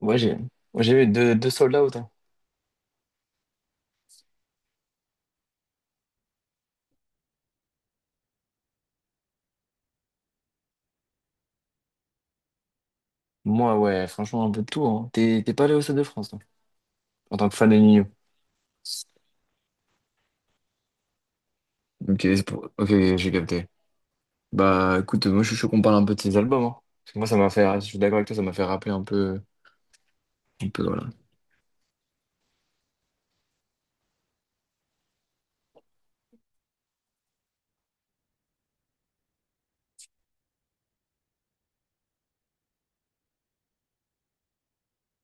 Ouais, j'ai eu deux sold out, hein. Moi, ouais, franchement, un peu de tout. Hein. T'es pas allé au Stade de France, toi, en tant que fan de Nino. Ok, ok, j'ai capté. Bah, écoute, moi, je suis chaud qu'on parle un peu de ces albums. Hein. Parce que moi, ça m'a fait, je suis d'accord avec toi, ça m'a fait rappeler un peu, voilà.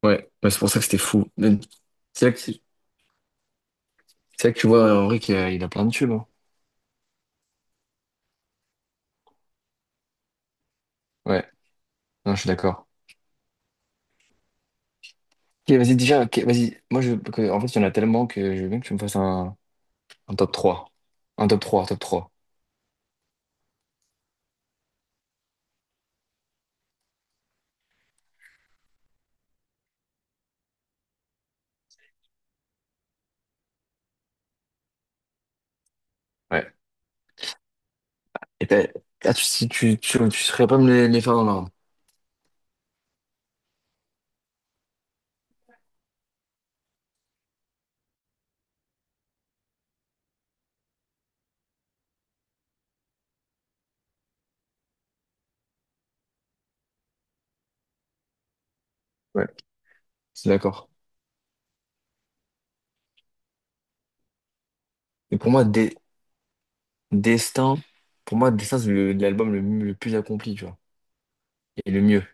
Ouais, bah, c'est pour ça que c'était fou. Mais c'est là que tu vois, Henri qu'il a, plein de tubes, hein. Ouais, non, je suis d'accord. Ok, vas-y, déjà, ok, vas-y. Moi, en fait, il y en a tellement que je veux bien que tu me fasses un, top trois. Un top trois, top trois. Ouais. Et t'as- ah, si tu saurais pas me les faire dans l'ordre. Ouais. C'est d'accord. Mais pour moi, Destin, Destin, c'est l'album le plus accompli, tu vois. Et le mieux.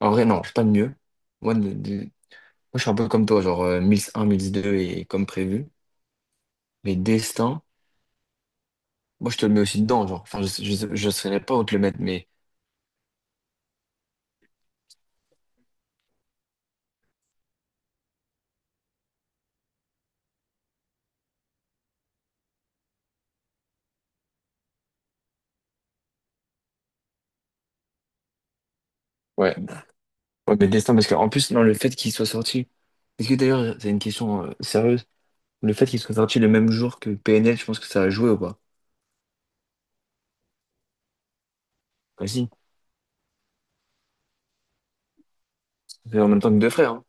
En vrai, non, c'est pas le mieux. Moi, je suis un peu comme toi, genre 1001, 1002 et comme prévu. Mais Destin, moi, je te le mets aussi dedans, genre. Enfin, je saurais pas où te le mettre, mais Ouais. Ouais, mais Destin, parce qu'en plus, non, le fait qu'il soit sorti. Est-ce que d'ailleurs, c'est une question sérieuse? Le fait qu'il soit sorti le même jour que PNL, je pense que ça a joué ou pas? Vas C'est en même temps que Deux Frères, hein.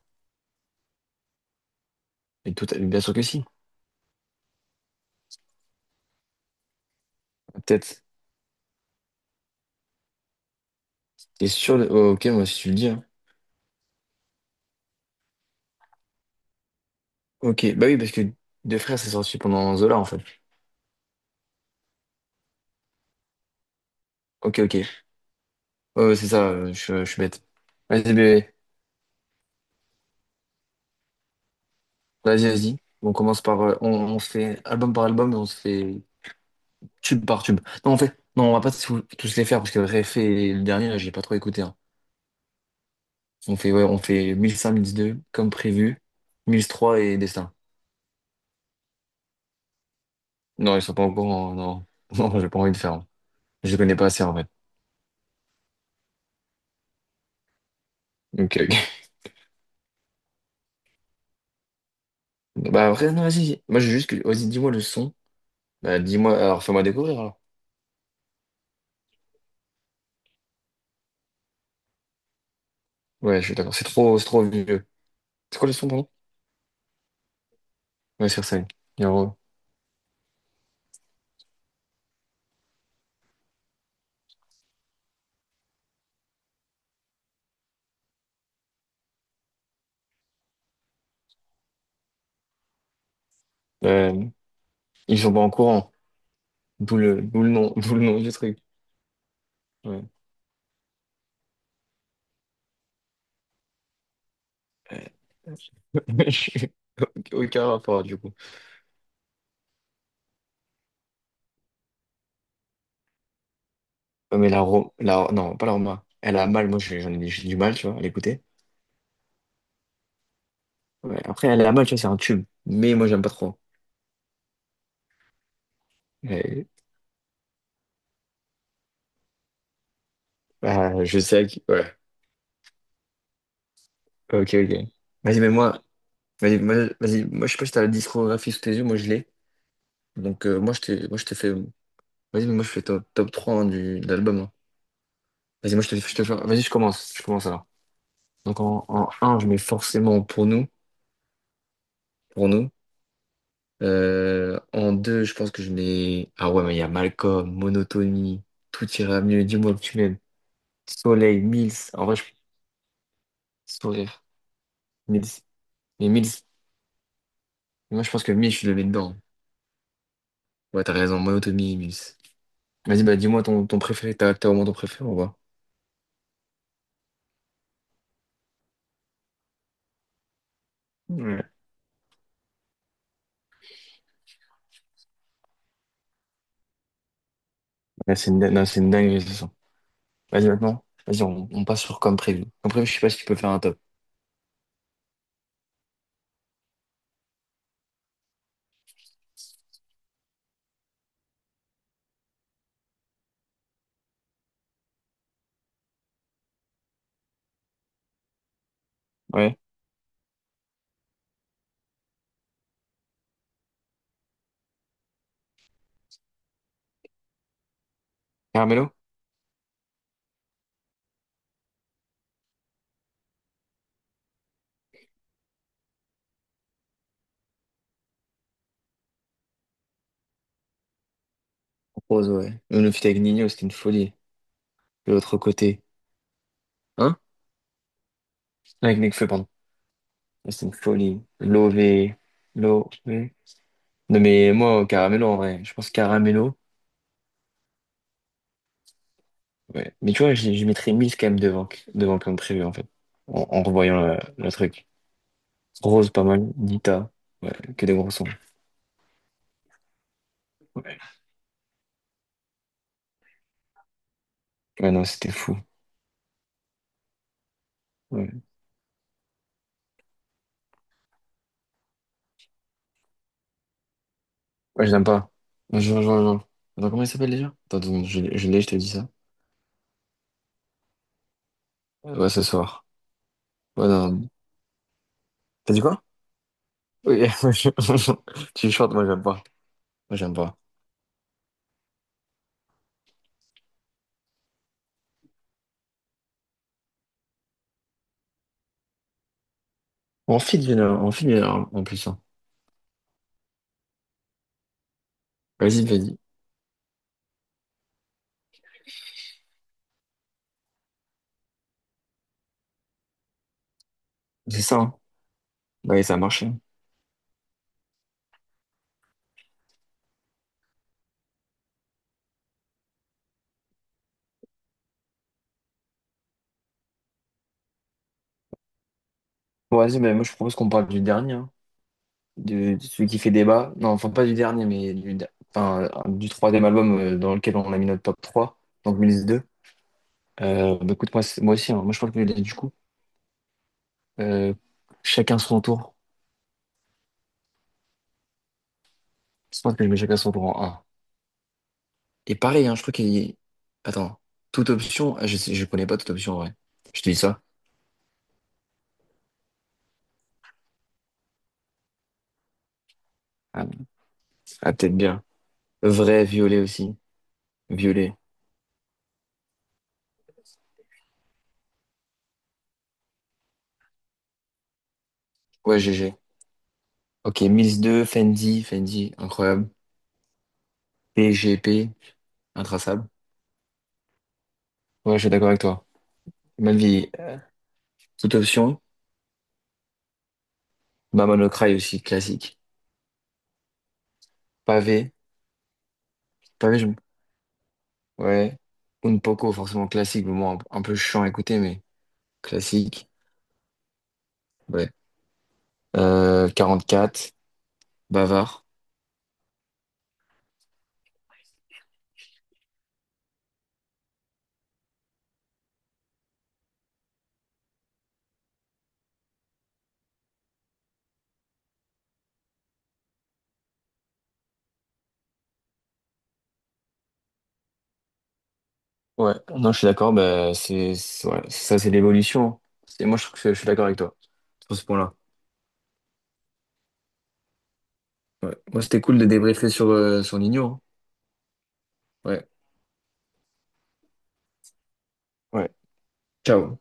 Et tout, bien sûr que si. Peut-être. Oh, ok, moi, si tu le dis, hein. Ok, bah oui, parce que Deux Frères, c'est sorti pendant Zola, en fait. Ok, ok. Ouais, ouais, c'est ça, je suis bête. Vas-y, bébé. Vas-y, vas-y. On commence par. On se fait album par album et on se fait tube par tube. Non, on fait. Non, on va pas tous les faire parce que Réfé et le dernier, là, j'ai pas trop écouté, hein. On fait 1005, 1002, comme prévu. 1003 et Destin. Non, ils sont pas encore. Non, non, j'ai pas envie de faire, hein. Je les connais pas assez, en fait. Ok, ok. Bah, après, non, vas-y. Moi, j'ai juste que. Vas-y, dis-moi le son. Bah, dis-moi. Alors, fais-moi découvrir, alors. Ouais, je suis d'accord. C'est trop vieux. C'est quoi le son, pardon? Ouais, sur scène. Et en gros, euh, ils sont pas en courant. D'où le nom, d'où le nom du truc. Ouais. Euh, je- Aucun rapport, du coup. Ouais. Mais la Roma, la, non, pas la Roma. Elle a mal, moi j'en ai, j'ai du mal, tu vois, à l'écouter. Ouais. Après, elle a mal, tu vois, c'est un tube. Mais moi, j'aime pas trop. Mais, bah, je sais que, ouais. Ok, ok. Vas-y, mais moi, vas-y, moi, vas-y, moi je sais pas si t'as la discographie sous tes yeux, moi je l'ai. Donc moi je te fais. Vas-y, mais moi je fais top, 3 hein, de l'album, hein. Vas-y, je te fais. Vas-y, je commence. Je commence alors. Donc en un je mets forcément pour nous. Pour nous. En 2 je pense que je mets. Ah ouais, mais il y a Malcolm, Monotonie, Tout ira mieux, dis-moi que tu m'aimes. Soleil, Mills. En vrai, je... Sourire, Mills. Mais Mills. Moi je pense que Mills, je le mets dedans. Ouais, t'as raison, Monotonie, Mills. Vas-y, bah dis-moi ton préféré. T'as au moins ton préféré, on va. Ouais, c'est une, non, c'est une dinguerie, ce son. Vas-y, maintenant. Vas-y, on passe sur comme prévu. Comme prévu, je sais pas si tu peux faire un top. Ouais. Carmelo? Rose, ouais. Nous, fit avec Nino, c'était une folie. De l'autre côté. Hein? Avec Nekfeu, pardon. Ouais. C'était une folie. Lové. Lové. Non, mais moi, Caramelo, en vrai. Je pense Caramelo. Ouais. Mais tu vois, je mettrais 1000 quand même devant comme prévu, en fait. En revoyant le truc. Rose, pas mal. Nita. Ouais, que des gros sons. Ouais. Ouais, non, c'était fou. Ouais. Ouais, je l'aime pas. Je, je, je, je- Attends, comment il s'appelle déjà? Attends, deux secondes, je l'ai, je te dis ça. Ouais, ce soir. Ouais, non. T'as dit quoi? Oui, je- tu chantes, moi j'aime pas. Moi j'aime pas. On fit, il y en a en plus, hein. Vas-y, vas-y. C'est ça, hein. Bah, et ça a marché. Bon, vas-y, mais moi je propose qu'on parle du dernier, hein. De celui qui fait débat. Non, enfin pas du dernier, mais enfin, du troisième album dans lequel on a mis notre top 3 donc Milice deux. Bah, écoute, moi, moi aussi, hein. Moi je parle que du coup. Euh, Chacun son tour. Je pense que je mets chacun son tour en un. Et pareil, hein, je crois qu'il y... Attends, toute option, ah, je sais, je connais pas toute option en vrai. Je te dis ça. Ah, ah, peut-être bien. Vrai, violet aussi. Violet. Ouais, GG. Ok, Mills deux Fendi, Fendi, incroyable. PGP, intraçable. Ouais, je suis d'accord avec toi. Même vie, toute option. Maman no Cry aussi, classique. Pavé, pavé, je... ouais. Un poco, forcément classique, mais bon, un peu chiant à écouter, mais classique. Ouais. Quatre bavard. Ouais, non, je suis d'accord, bah, ouais, ça, c'est l'évolution. Moi, je trouve que je suis d'accord avec toi sur ce point-là. Ouais. Moi, c'était cool de débriefer sur Nino, hein. Ouais. Ouais. Ciao.